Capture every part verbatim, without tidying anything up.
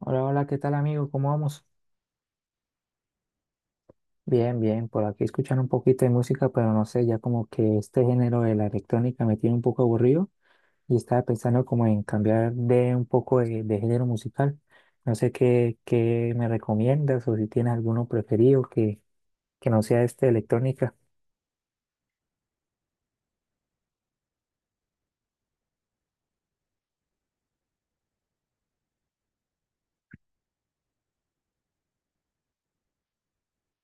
Hola, hola, ¿qué tal amigo? ¿Cómo vamos? Bien, bien, por aquí escuchando un poquito de música, pero no sé, ya como que este género de la electrónica me tiene un poco aburrido y estaba pensando como en cambiar de un poco de, de género musical. No sé qué, qué me recomiendas o si tienes alguno preferido que, que no sea este de electrónica.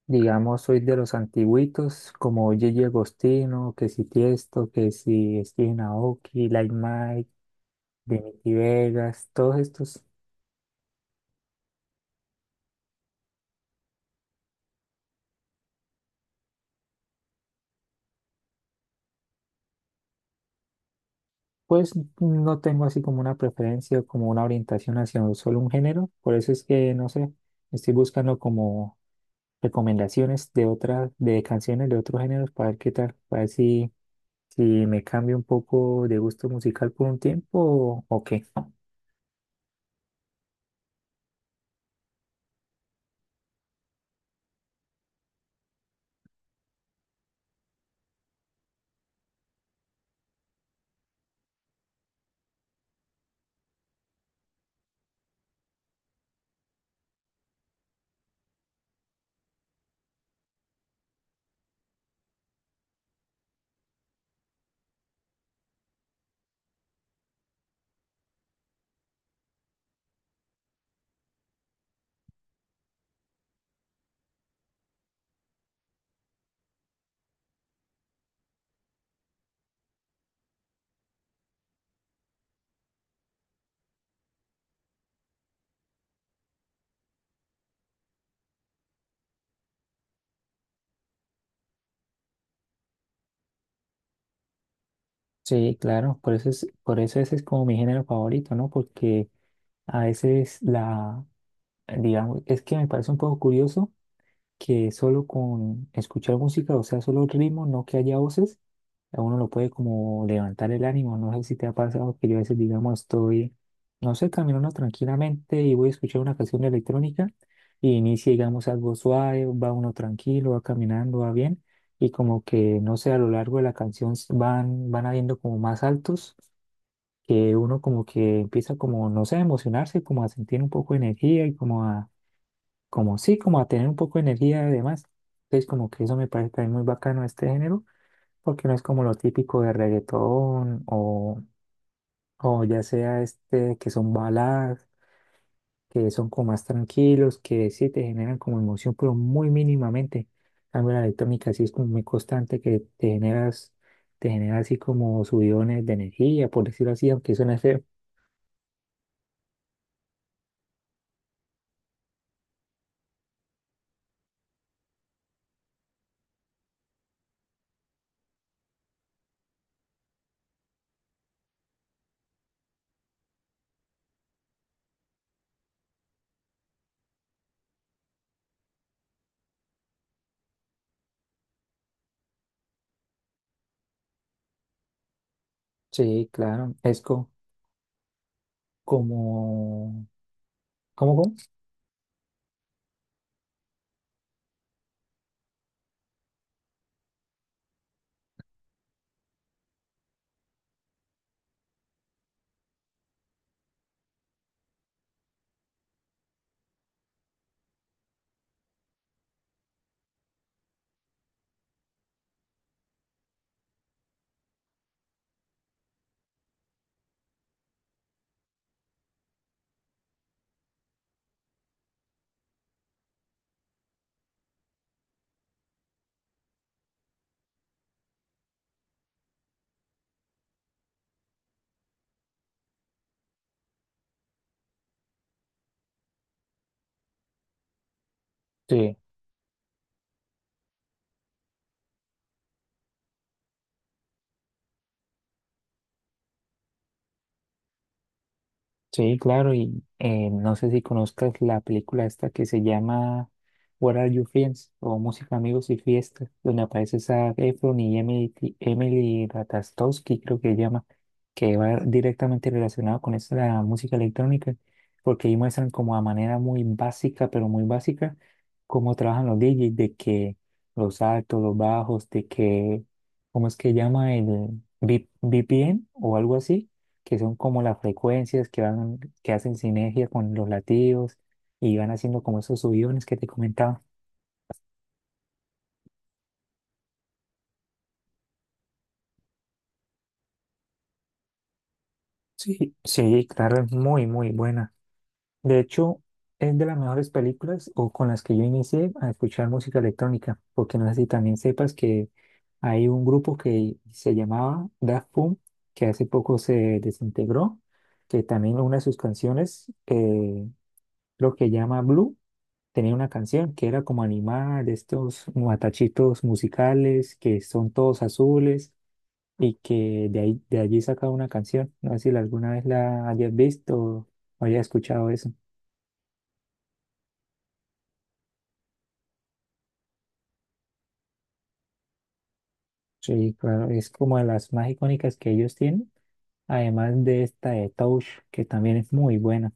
Digamos, soy de los antiguitos, como Gigi Agostino, que si Tiesto, que si Steven Aoki, Like Mike, Dimitri Vegas, todos estos. Pues no tengo así como una preferencia o como una orientación hacia un- solo un género, por eso es que, no sé, estoy buscando como recomendaciones de otras, de canciones de otros géneros para ver qué tal, para ver si, si me cambio un poco de gusto musical por un tiempo o, o qué. Sí, claro, por eso es, por eso ese es como mi género favorito, ¿no? Porque a veces la, digamos, es que me parece un poco curioso que solo con escuchar música, o sea, solo el ritmo, no que haya voces, a uno lo puede como levantar el ánimo. No sé si te ha pasado que yo a veces, digamos, estoy, no sé, caminando tranquilamente y voy a escuchar una canción electrónica y inicia, digamos, algo suave, va uno tranquilo, va caminando, va bien y como que, no sé, a lo largo de la canción s- van, van habiendo como más altos que uno como que empieza como, no sé, a emocionarse, como a sentir un poco de energía y como a, como sí, como a tener un poco de energía además. Entonces como que eso me parece también muy bacano de este género porque no es como lo típico de reggaetón o, o ya sea este que son baladas, que son como más tranquilos, que sí te generan como emoción, pero muy mínimamente. En cambio la electrónica sí es como muy constante que te generas, te genera así como subidones de energía, por decirlo así, aunque suene feo. Sí, claro, es co- como, ¿cómo, cómo? Sí. Sí, claro, y eh, no sé si conozcas la película esta que se llama What Are You Friends o Música, Amigos y Fiestas, donde aparece Zac Efron y Emily, Emily Ratajkowski, creo que se llama, que va directamente relacionado con esta música electrónica, porque ahí muestran como a manera muy básica, pero muy básica, cómo trabajan los D Js, de que los altos, los bajos, de que, ¿cómo es que llama el V- VPN o algo así? Que son como las frecuencias que van, que hacen sinergia con los latidos y van haciendo como esos subidones que te comentaba. Sí, sí, claro, es muy, muy buena. De hecho, es de las mejores películas o con las que yo inicié a escuchar música electrónica, porque no sé si también sepas que hay un grupo que se llamaba Daft Punk, que hace poco se desintegró, que también una de sus canciones, eh, lo que llama Blue. Tenía una canción que era como animada de estos matachitos musicales que son todos azules y que de ahí, de allí sacaba una canción. No sé si alguna vez la hayas visto o hayas escuchado eso. Sí, claro, es como de las más icónicas que ellos tienen, además de esta de Touch, que también es muy buena.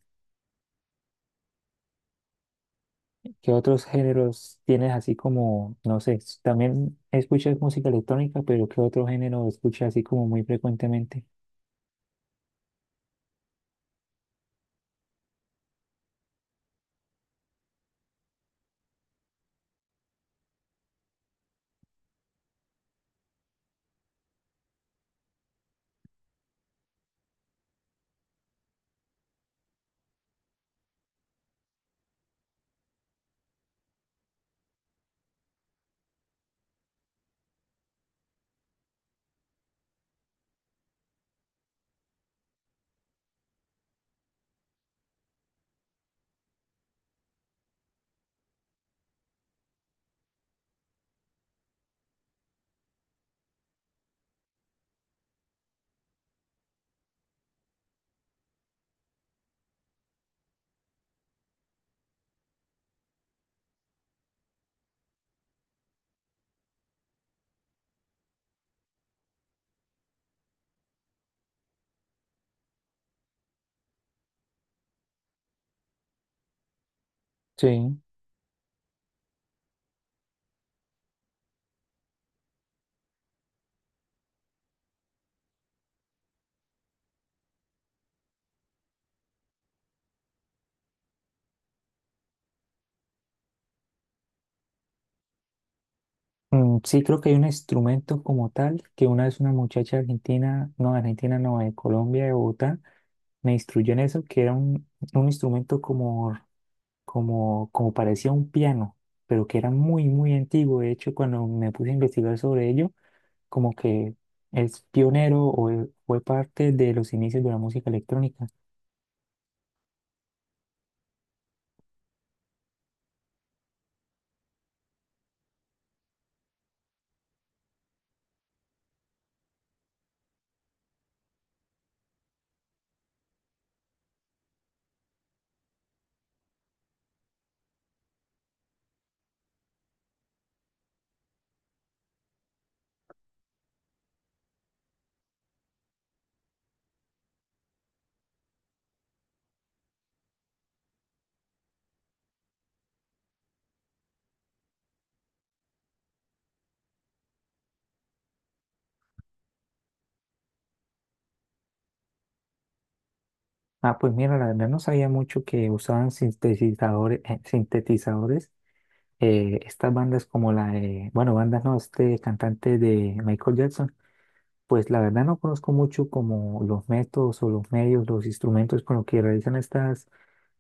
¿Qué otros géneros tienes así como, no sé, s- también escuchas música electrónica, pero qué otro género escuchas así como muy frecuentemente? Sí. Mm, sí, creo que hay un instrumento como tal que una vez una muchacha argentina, no, de argentina, no, de Colombia, de Bogotá, me instruyó en eso, que era un, un instrumento como, como, como parecía un piano, pero que era muy, muy antiguo. De hecho, cuando me puse a investigar sobre ello, como que es pionero o e- fue parte de los inicios de la música electrónica. Ah, pues mira, la verdad no sabía mucho que usaban sintetizadores, eh, sintetizadores eh, estas bandas como la de, bueno, bandas no, este cantante de Michael Jackson, pues la verdad no conozco mucho como los métodos o los medios, los instrumentos con los que realizan estas,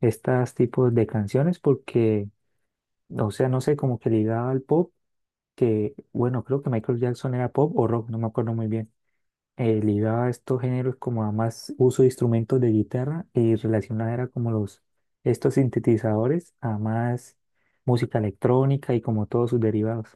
estas tipos de canciones, porque, o sea, no sé, como que ligaba al pop, que, bueno, creo que Michael Jackson era pop o rock, no me acuerdo muy bien. Eh, ligaba a estos géneros como a más uso de instrumentos de guitarra y relacionada era como los, estos sintetizadores a más música electrónica y como todos sus derivados.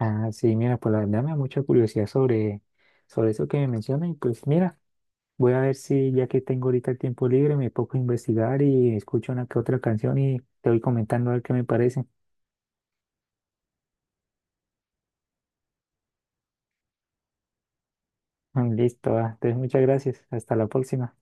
Ah, sí, mira, pues la verdad me da mucha curiosidad sobre, sobre eso que me mencionas y pues mira, voy a ver si ya que tengo ahorita el tiempo libre me pongo a investigar y escucho una que otra canción y te voy comentando a ver qué me parece. Mm, listo, ah, entonces muchas gracias, hasta la próxima.